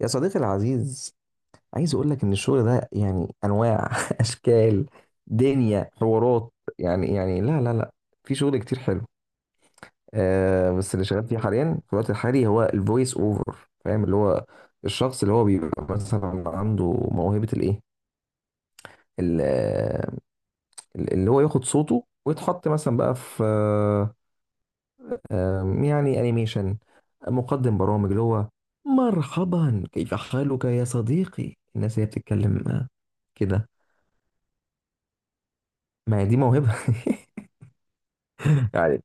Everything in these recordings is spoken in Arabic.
يا صديقي العزيز، عايز اقول لك ان الشغل ده انواع اشكال، دنيا حوارات. لا في شغل كتير حلو. آه، بس اللي شغال فيه حاليا في الوقت الحالي هو الفويس اوفر، فاهم؟ اللي هو الشخص اللي هو بيبقى مثلا عنده موهبة الايه، ال- آه، اللي هو ياخد صوته ويتحط مثلا بقى في يعني انيميشن، مقدم برامج. اللي هو مرحبا كيف حالك يا صديقي، الناس هي بتتكلم كده. ما هي دي موهبة. يعني،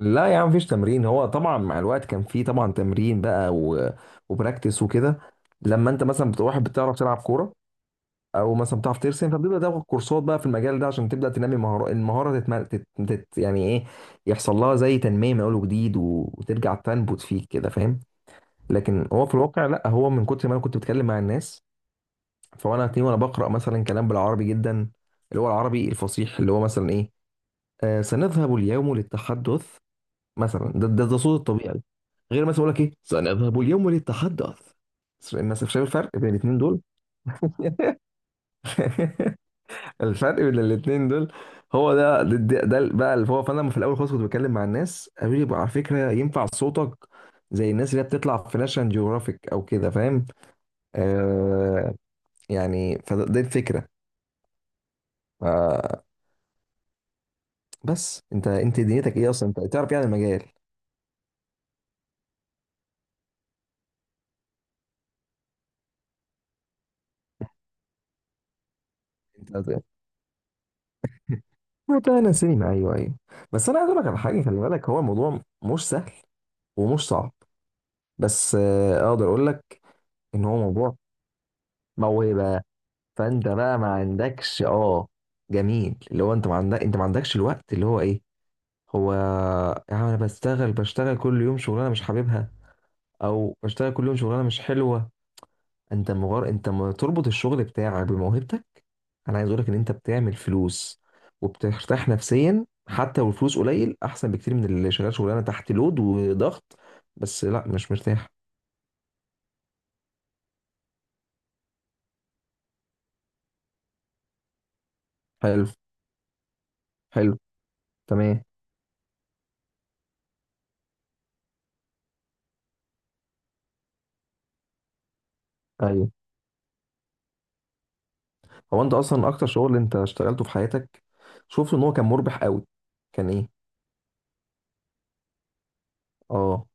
لا يا عم، مفيش تمرين. هو طبعا مع الوقت كان فيه طبعا تمرين بقى وبراكتس وكده. لما انت مثلا بتبقى واحد بتعرف تلعب كورة او مثلا بتعرف ترسم، فبتبدا تاخد كورسات بقى في المجال ده عشان تبدا تنمي مهارة. المهارة يعني ايه، يحصل لها زي تنمية من اول وجديد وترجع تنبت فيك كده، فاهم؟ لكن هو في الواقع لا، هو من كتر ما انا كنت بتكلم مع الناس، فانا هتلاقيني وانا بقرا مثلا كلام بالعربي جدا، اللي هو العربي الفصيح، اللي هو مثلا ايه، سنذهب اليوم للتحدث. مثلا ده صوت الطبيعي، غير مثلا يقول لك ايه، سنذهب اليوم للتحدث مثلا. شايف الفرق بين الاثنين دول؟ الفرق بين الاثنين دول هو ده بقى. اللي هو فانا في الاول خالص كنت بتكلم مع الناس، قالوا لي بقى على فكره ينفع صوتك زي الناس اللي هي بتطلع في ناشونال جيوغرافيك او كده، فاهم؟ آه، يعني دي الفكره. آه، بس انت دنيتك ايه اصلا، انت تعرف يعني المجال؟ انت هت- هتلاقي انا سينما، ايوه ايوه. بس انا عايز اقول لك على حاجه، خلي بالك هو الموضوع مش سهل ومش صعب، بس اقدر اقول لك ان هو موضوع موهبه. فانت بقى ما عندكش اه، جميل اللي هو انت ما عندك ما عندكش الوقت اللي هو ايه. هو يعني انا بشتغل كل يوم شغلانه مش حاببها او بشتغل كل يوم شغلانه مش حلوه. انت مغار، انت ما تربط الشغل بتاعك بموهبتك. انا عايز اقول لك ان انت بتعمل فلوس وبترتاح نفسيا، حتى لو الفلوس قليل احسن بكتير من اللي شغال شغلانه تحت لود وضغط، بس لا مش مرتاح. حلو حلو. تمام. ايوه. هو انت اصلا اكتر شغل انت اشتغلته في حياتك، شفت ان هو كان مربح قوي، كان ايه؟ اه.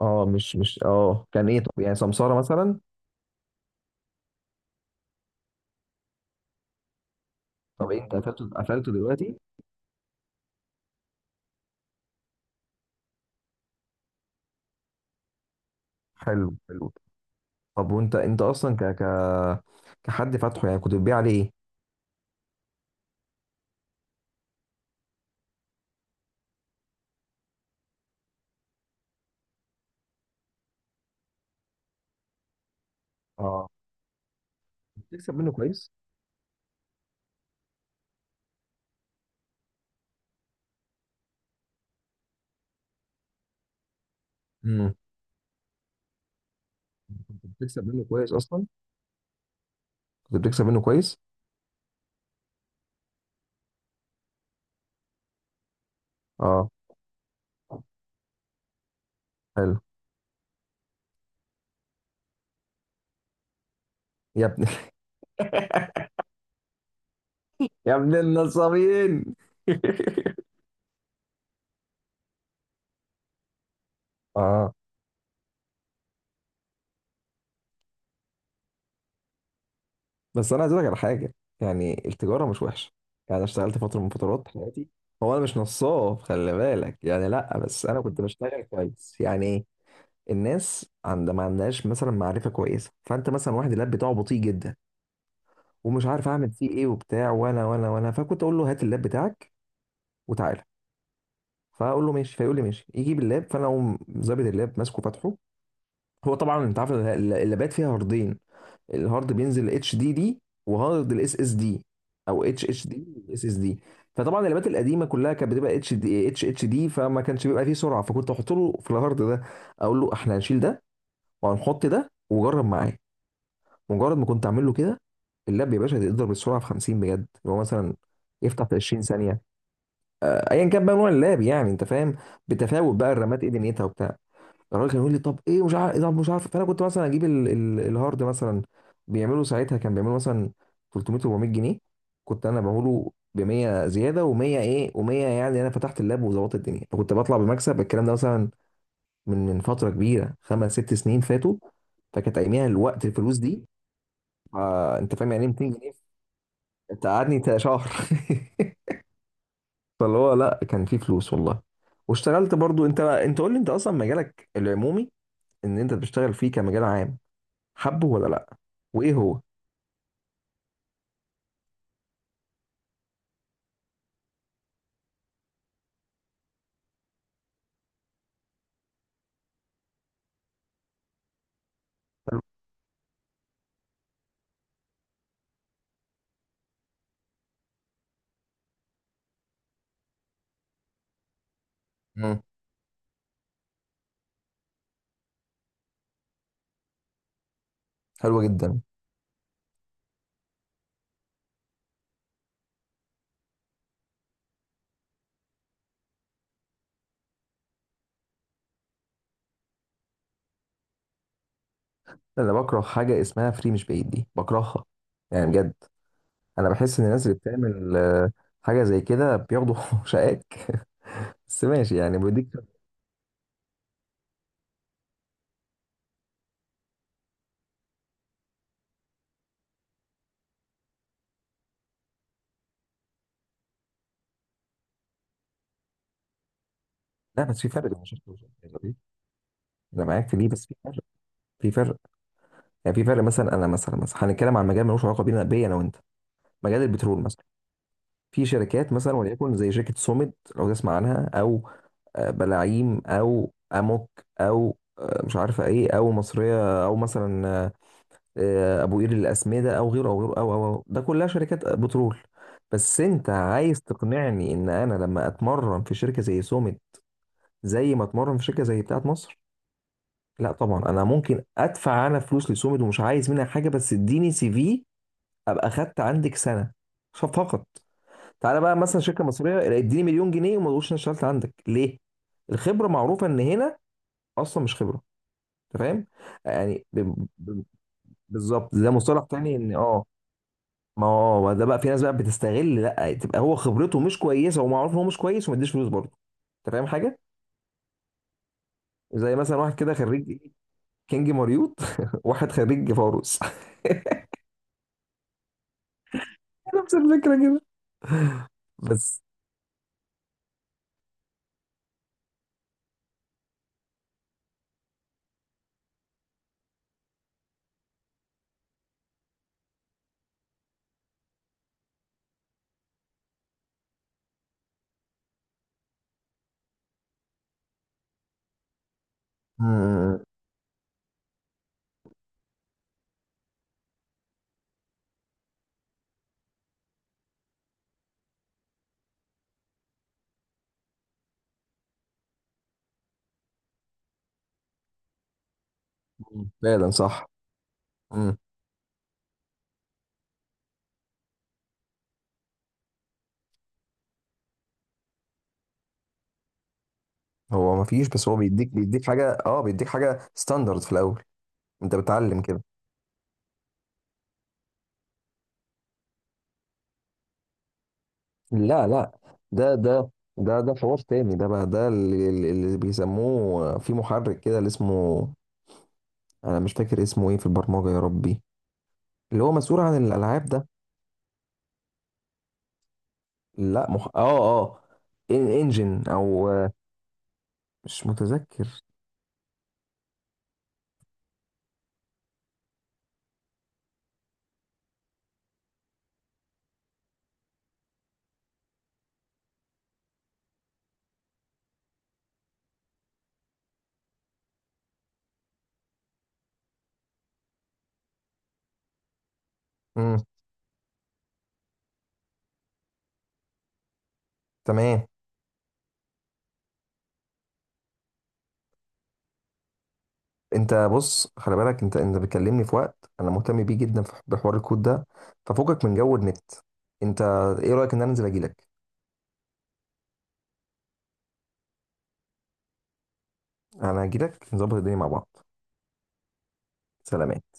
اه مش مش اه كان ايه، طب يعني سمسارة مثلا؟ طب إيه، انت قفلته قفلته دلوقتي؟ حلو حلو. طب وانت اصلا ك ك كحد فاتحه، يعني كنت بتبيع عليه ايه؟ اه. كنت بتكسب منه كويس. امم. كنت بتكسب منه كويس اصلا. كنت بتكسب منه كويس. اه، حلو. يا ابن، يا ابن النصابين. اه، بس انا عايز اقول لك على حاجه، يعني التجاره مش وحشه، يعني انا اشتغلت فتره من فترات حياتي. هو انا مش نصاب خلي بالك يعني، لا، بس انا كنت بشتغل كويس يعني. الناس عند ما عندهاش مثلا معرفه كويسه، فانت مثلا واحد اللاب بتاعه بطيء جدا ومش عارف اعمل فيه ايه وبتاع، وانا وانا وانا فكنت اقول له هات اللاب بتاعك وتعالى. فاقول له ماشي، فيقول لي ماشي، يجيب اللاب، فانا اقوم ظابط اللاب ماسكه فاتحه. هو طبعا انت عارف إن اللابات فيها هاردين، الهارد بينزل اتش دي دي وهارد الاس اس دي، او اتش اتش دي والاس اس دي. فطبعا اللابات القديمه كلها كانت بتبقى اتش اتش دي، فما كانش بيبقى فيه سرعه، فكنت احط له في الهارد ده، اقول له احنا هنشيل ده وهنحط ده وجرب معاه. مجرد ما كنت اعمل له كده، اللاب يا باشا تقدر بالسرعه في 50 بجد، اللي هو مثلا يفتح في 20 ثانيه، ايا كان بقى نوع اللاب، يعني انت فاهم؟ بتفاوت بقى الرامات ايه دنيتها وبتاع. الراجل كان يقول لي طب ايه مش عارف إيه، طب مش عارف، فانا كنت مثلا اجيب الهارد. مثلا بيعملوا ساعتها كان بيعملوا مثلا 300 400 جنيه، كنت انا بقوله ب 100 زياده و100 ايه و100، يعني انا فتحت اللاب وظبطت الدنيا، فكنت بطلع بمكسب. الكلام ده مثلا من من فتره كبيره، 5 6 سنين فاتوا، فكانت اياميها الوقت الفلوس دي. آه، انت فاهم يعني إيه 200 جنيه؟ انت قعدني شهر. فاللي هو لا، كان في فلوس والله. واشتغلت برضو. انت قول لي انت اصلا مجالك العمومي ان انت بتشتغل فيه كمجال عام، حبه ولا لا؟ وايه هو؟ حلو. مم. حلوة جدا. انا بكره حاجه اسمها فري مش بعيد، دي بكرهها يعني، بجد. انا بحس ان الناس اللي بتعمل حاجه زي كده بياخدوا شقاك. بس ماشي، يعني بيديك. لا، بس في فرق انا شفت. انا معاك في دي، بس في فرق، في فرق. يعني في فرق، مثلا انا مثلا هنتكلم عن مجال ملوش علاقه بينا، بيا انا وانت، مجال البترول مثلا. في شركات مثلا وليكن زي شركه سوميد لو تسمع عنها، او بلاعيم او اموك، او مش عارفه ايه، او مصريه، او مثلا ابو قير للاسمده، او غيره او غيره او ده كلها شركات بترول. بس انت عايز تقنعني ان انا لما اتمرن في شركه زي سوميد زي ما اتمرن في شركه زي بتاعت مصر؟ لا طبعا، انا ممكن ادفع انا فلوس لسوميد ومش عايز منها حاجه، بس اديني سي في ابقى خدت عندك سنه فقط. تعالى بقى مثلا شركه مصريه اديني مليون جنيه وما تقولش انا اشتغلت عندك ليه. الخبره معروفه ان هنا اصلا مش خبره، انت فاهم يعني. بالظبط، ده مصطلح تاني، ان اه، ما هو ده بقى في ناس بقى بتستغل، لا تبقى هو خبرته مش كويسه ومعروف ان هو مش كويس وما يديش فلوس برضه. انت فاهم حاجه، زي مثلا واحد كده خريج كينج مريوط، واحد خريج فاروس. نفس الفكره كده بس. مم. فعلا صح. مم. هو ما فيش، بس هو بيديك حاجه اه، بيديك حاجه ستاندرد في الاول، انت بتعلم كده. لا لا، ده ده ده حوار تاني ده بقى، ده اللي بيسموه في محرك كده اللي اسمه، انا مش فاكر اسمه ايه في البرمجة يا ربي، اللي هو مسؤول عن الالعاب ده. لا مح... اه اه ان انجن او مش متذكر. امم. تمام. انت بص خلي بالك، انت بتكلمني في وقت انا مهتم بيه جدا في بحوار الكود ده، ففوقك من جو النت انت. ايه رايك ان انا انزل اجيلك؟ انا اجيلك نظبط الدنيا مع بعض. سلام.